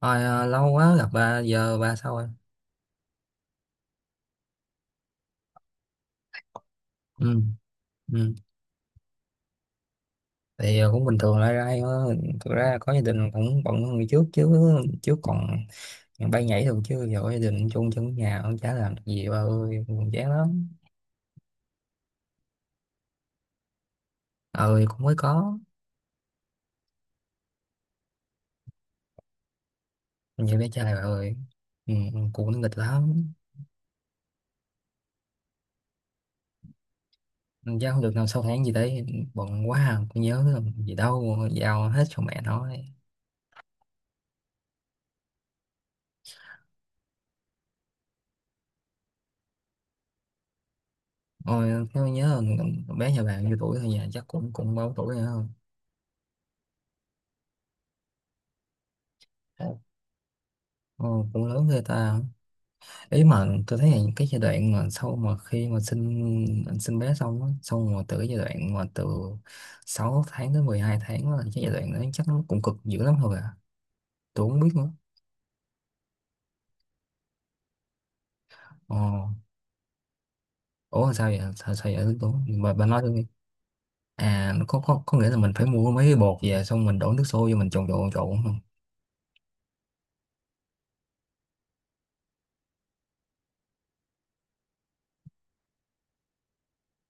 Lâu quá gặp bà, giờ bà sao rồi? Ừ. Ừ. Thì cũng bình thường lại ra thôi. Thực ra có gia đình cũng bận hơn ngày trước chứ trước còn bay nhảy thường chứ giờ có gia đình chung chung ở nhà cũng chả làm được gì bà ơi, cũng chán lắm. Ơi cũng mới có nhiều bé trai bà ơi. Ừ, cũng nó nghịch lắm. Chắc không được nào sau tháng gì đấy, bận quá à, cũng nhớ làm gì đâu, giao hết cho mẹ nói. Ôi tôi nhớ bé nhà bạn nhiêu tuổi thôi, nhà chắc cũng cũng bao tuổi nữa không? Ồ, cũng lớn ghê ta. Ý mà tôi thấy là cái giai đoạn mà sau mà khi mà sinh sinh bé xong á, xong mà từ cái giai đoạn mà từ 6 tháng tới 12 tháng là cái giai đoạn đó chắc nó cũng cực dữ lắm thôi à, tôi không biết nữa. ờ Ủa sao vậy, sao, sao vậy tôi? Bà nói tôi nghe. À có, có nghĩa là mình phải mua mấy cái bột về xong mình đổ nước sôi vô mình trộn trộn trộn không?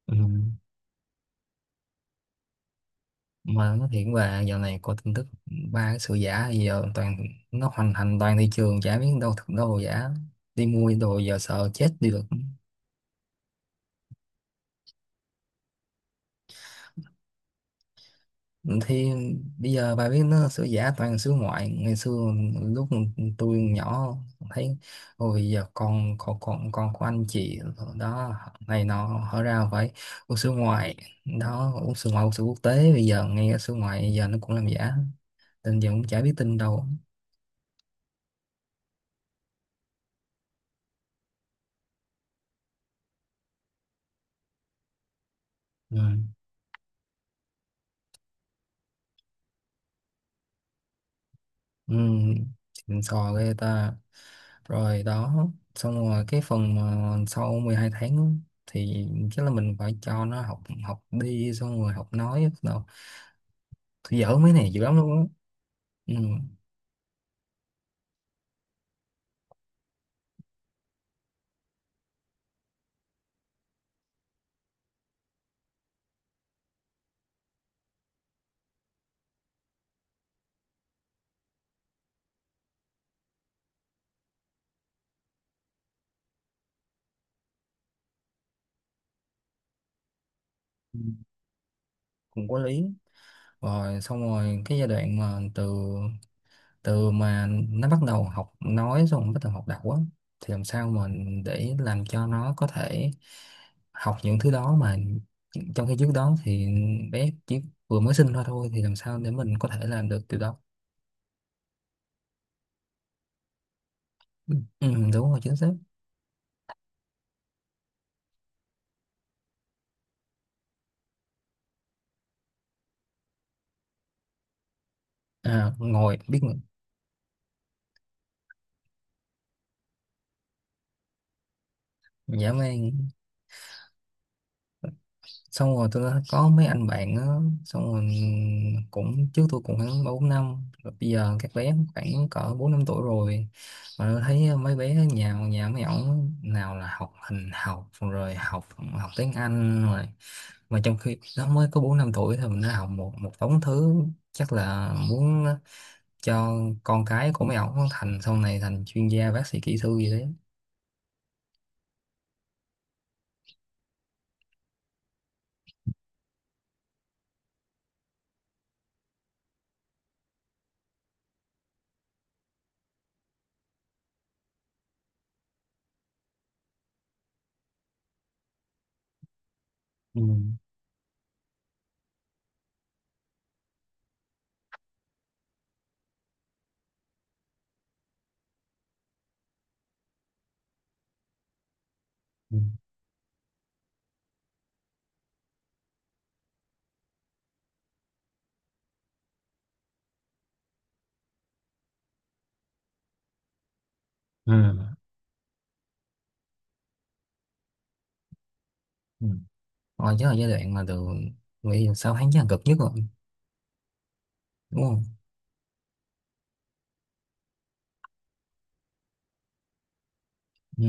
Ừ. Mà nó thiệt, và giờ này có tin tức ba cái sự giả gì giờ toàn nó hoành hành toàn thị trường, chả biết đâu thật đâu là giả, đi mua đồ giờ sợ chết đi được. Ừ, thì bây giờ bà biết nó sửa giả toàn sửa ngoại. Ngày xưa lúc tôi nhỏ thấy, ôi giờ con của anh chị đó này nọ hóa ra phải uống sữa ngoại đó, uống sữa ngoại, uống sữa quốc tế. Bây giờ nghe sữa ngoại giờ nó cũng làm giả, tin giờ cũng chả biết tin đâu. Ừ. Ừ. Xịn sò ghê ta. Rồi đó. Xong rồi cái phần mà sau 12 tháng á, thì chắc là mình phải cho nó học học đi, xong rồi học nói. Tôi dở mấy này dữ lắm luôn á. Ừ. Ừ. Cũng có lý. Rồi xong rồi cái giai đoạn mà từ từ mà nó bắt đầu học nói xong rồi bắt đầu học đọc á, thì làm sao mà để làm cho nó có thể học những thứ đó mà trong khi trước đó thì bé chỉ vừa mới sinh ra thôi, thì làm sao để mình có thể làm được điều đó? Ừ, đúng rồi, chính xác. À, biết ngồi, dã man. Xong rồi tôi đã có mấy anh bạn á, xong rồi cũng trước tôi cũng khoảng ba bốn năm rồi, bây giờ các bé khoảng cỡ bốn năm tuổi rồi, mà tôi thấy mấy bé nhà nhà mấy ổng nào là học hình học rồi học học tiếng Anh rồi, mà trong khi nó mới có bốn năm tuổi thì mình đã học một một đống thứ, chắc là muốn cho con cái của mấy ổng thành sau này thành chuyên gia, bác sĩ, kỹ sư gì đấy. Ừ. Ừ. Ừ. Ừ. Rồi chứ là giai đoạn mà từ, nghĩ là 6 tháng chắc là cực nhất rồi, đúng không? Ừ.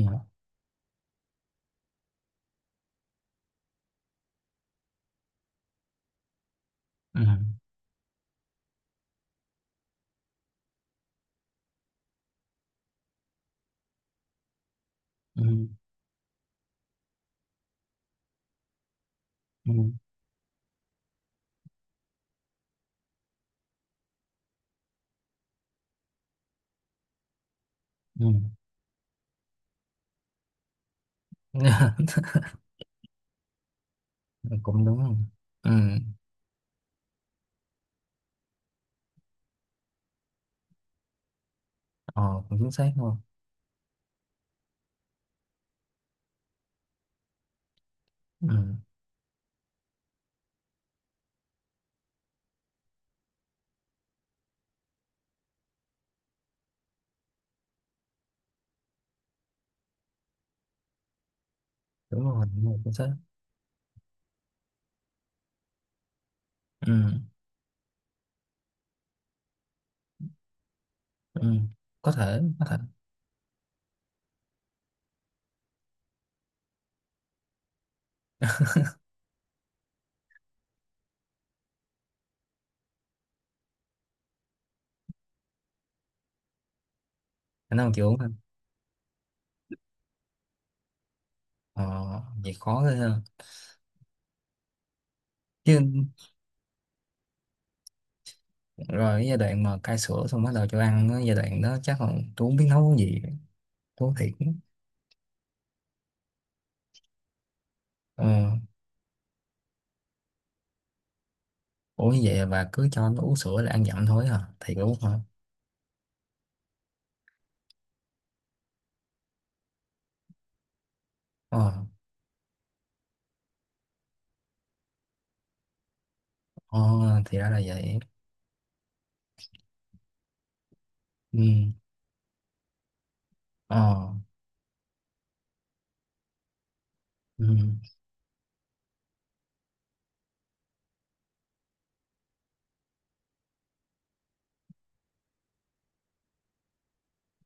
Ừ. Ừ. Ừ. Ừ. Cũng đúng không. Ừ. ờ, Cũng chính xác không. Ừ. Đúng rồi đúng rồi, chính xác. Ừ. Ừ. Có thể. Khả năng chịu không. ờ, Vậy khó ghê ha. Chứ rồi cái giai đoạn mà cai sữa xong bắt đầu cho ăn á, giai đoạn đó chắc là tôi không biết nấu cái gì, tôi nói thiệt. Ờ. Ủa như vậy bà cứ cho nó uống sữa là ăn dặm thôi hả, thiệt luôn hả? Ờ. Ờ thì ra là vậy. Ừ. Ờ. Ừ.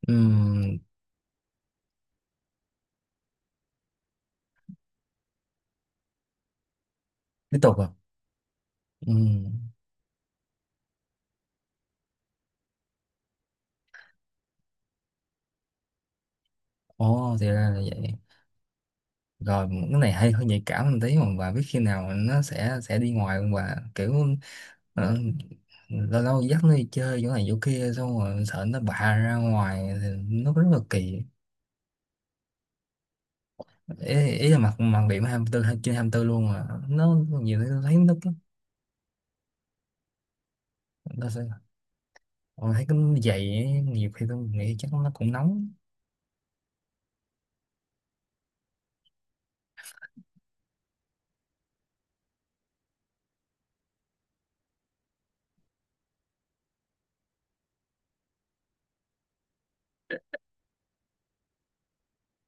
Ừ, tiếp tục à. Ừ. Ồ thì ra là vậy. Rồi cái này hay, hơi nhạy cảm một tí, mà bà biết khi nào nó sẽ đi ngoài không bà, kiểu ờ, lâu lâu dắt nó đi chơi chỗ này chỗ kia xong rồi sợ nó bạ ra ngoài thì nó rất là kỳ. Ý là mặt mặt điểm 24, trên 24 luôn mà, nó nhiều khi tôi thấy nó sẽ. Tôi thấy cái giày ấy, nhiều khi tôi nghĩ chắc nó cũng nóng.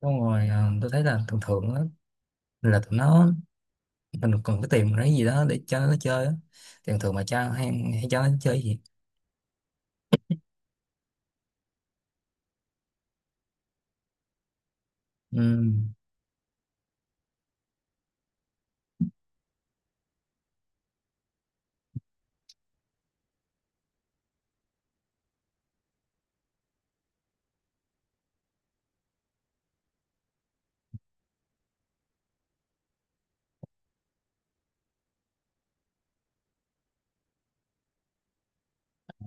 Xong rồi tôi thấy là thường thường á, là tụi nó mình còn cái tìm cái gì đó để cho nó chơi á, thường thường mà cho hay cho nó chơi gì. Ừ.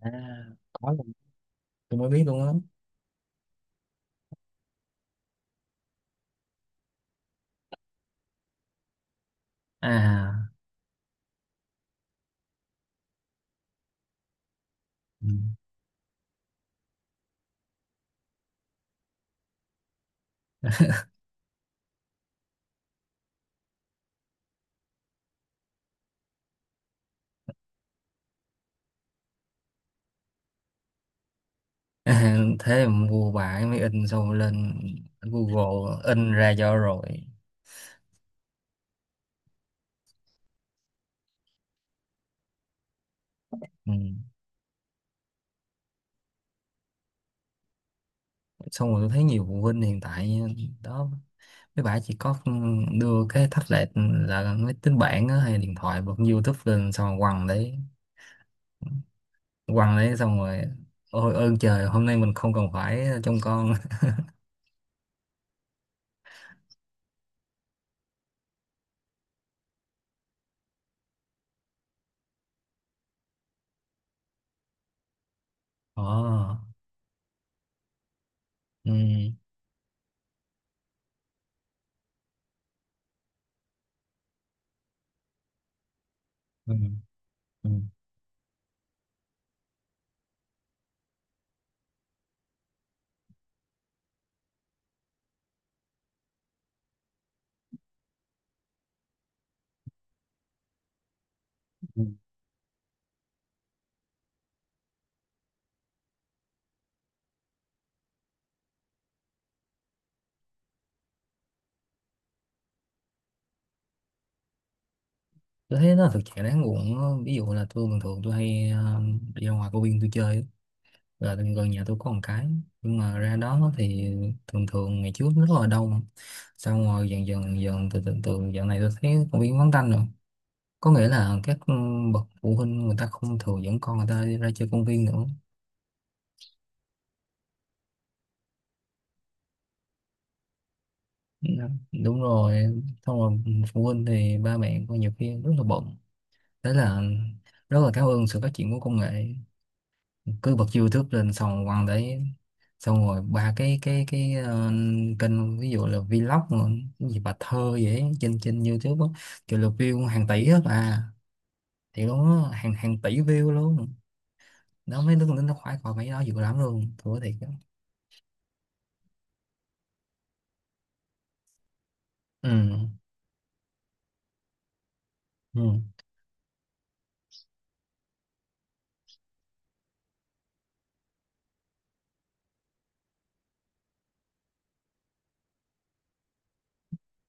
À, có luôn. Tôi mới biết luôn á. À. Ừ. À, thế mà mua bài mới in, xong rồi lên Google in ra cho rồi. Ừ. Xong rồi tôi thấy nhiều phụ huynh hiện tại đó, mấy bạn chỉ có đưa cái tablet, là máy tính bảng á, hay điện thoại bật YouTube lên xong rồi quăng đấy, quăng đấy xong rồi ôi ơn trời hôm nay mình không cần phải trông con. Ồ. Ừ, ừ, ừ. Ừ. Tôi thấy nó thực trạng đáng buồn á. Ví dụ là tôi bình thường tôi hay đi ra ngoài công viên tôi chơi á, là gần gần nhà tôi có một cái. Nhưng mà ra đó thì thường thường ngày trước rất là đông, xong rồi dần dần dần từ từ từ dạo này tôi thấy công viên vắng tanh rồi, có nghĩa là các bậc phụ huynh người ta không thường dẫn con người ta đi ra chơi công viên nữa. Dạ, đúng rồi. Xong rồi phụ huynh thì ba mẹ con nhiều khi rất là bận, thế là rất là cảm ơn sự phát triển của công nghệ, cứ bật YouTube lên xong quăng đấy. Xong rồi ba cái kênh ví dụ là vlog mà, cái gì bà thơ vậy, trên trên YouTube á, kiểu là view hàng tỷ hết à, thì luôn á, hàng hàng tỷ view luôn. Nó mấy đứa con nó khoái coi mấy đó dữ lắm luôn, thua thiệt đó. Ừ. Ừ.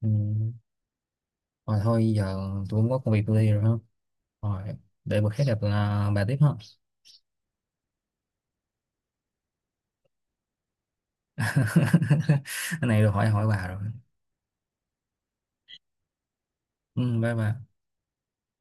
Ừ. Rồi thôi giờ tôi cũng có công việc tôi đi rồi ha. Rồi để bữa khác gặp là bà tiếp ha. Cái này rồi hỏi hỏi bà rồi. Ừ, bye bà.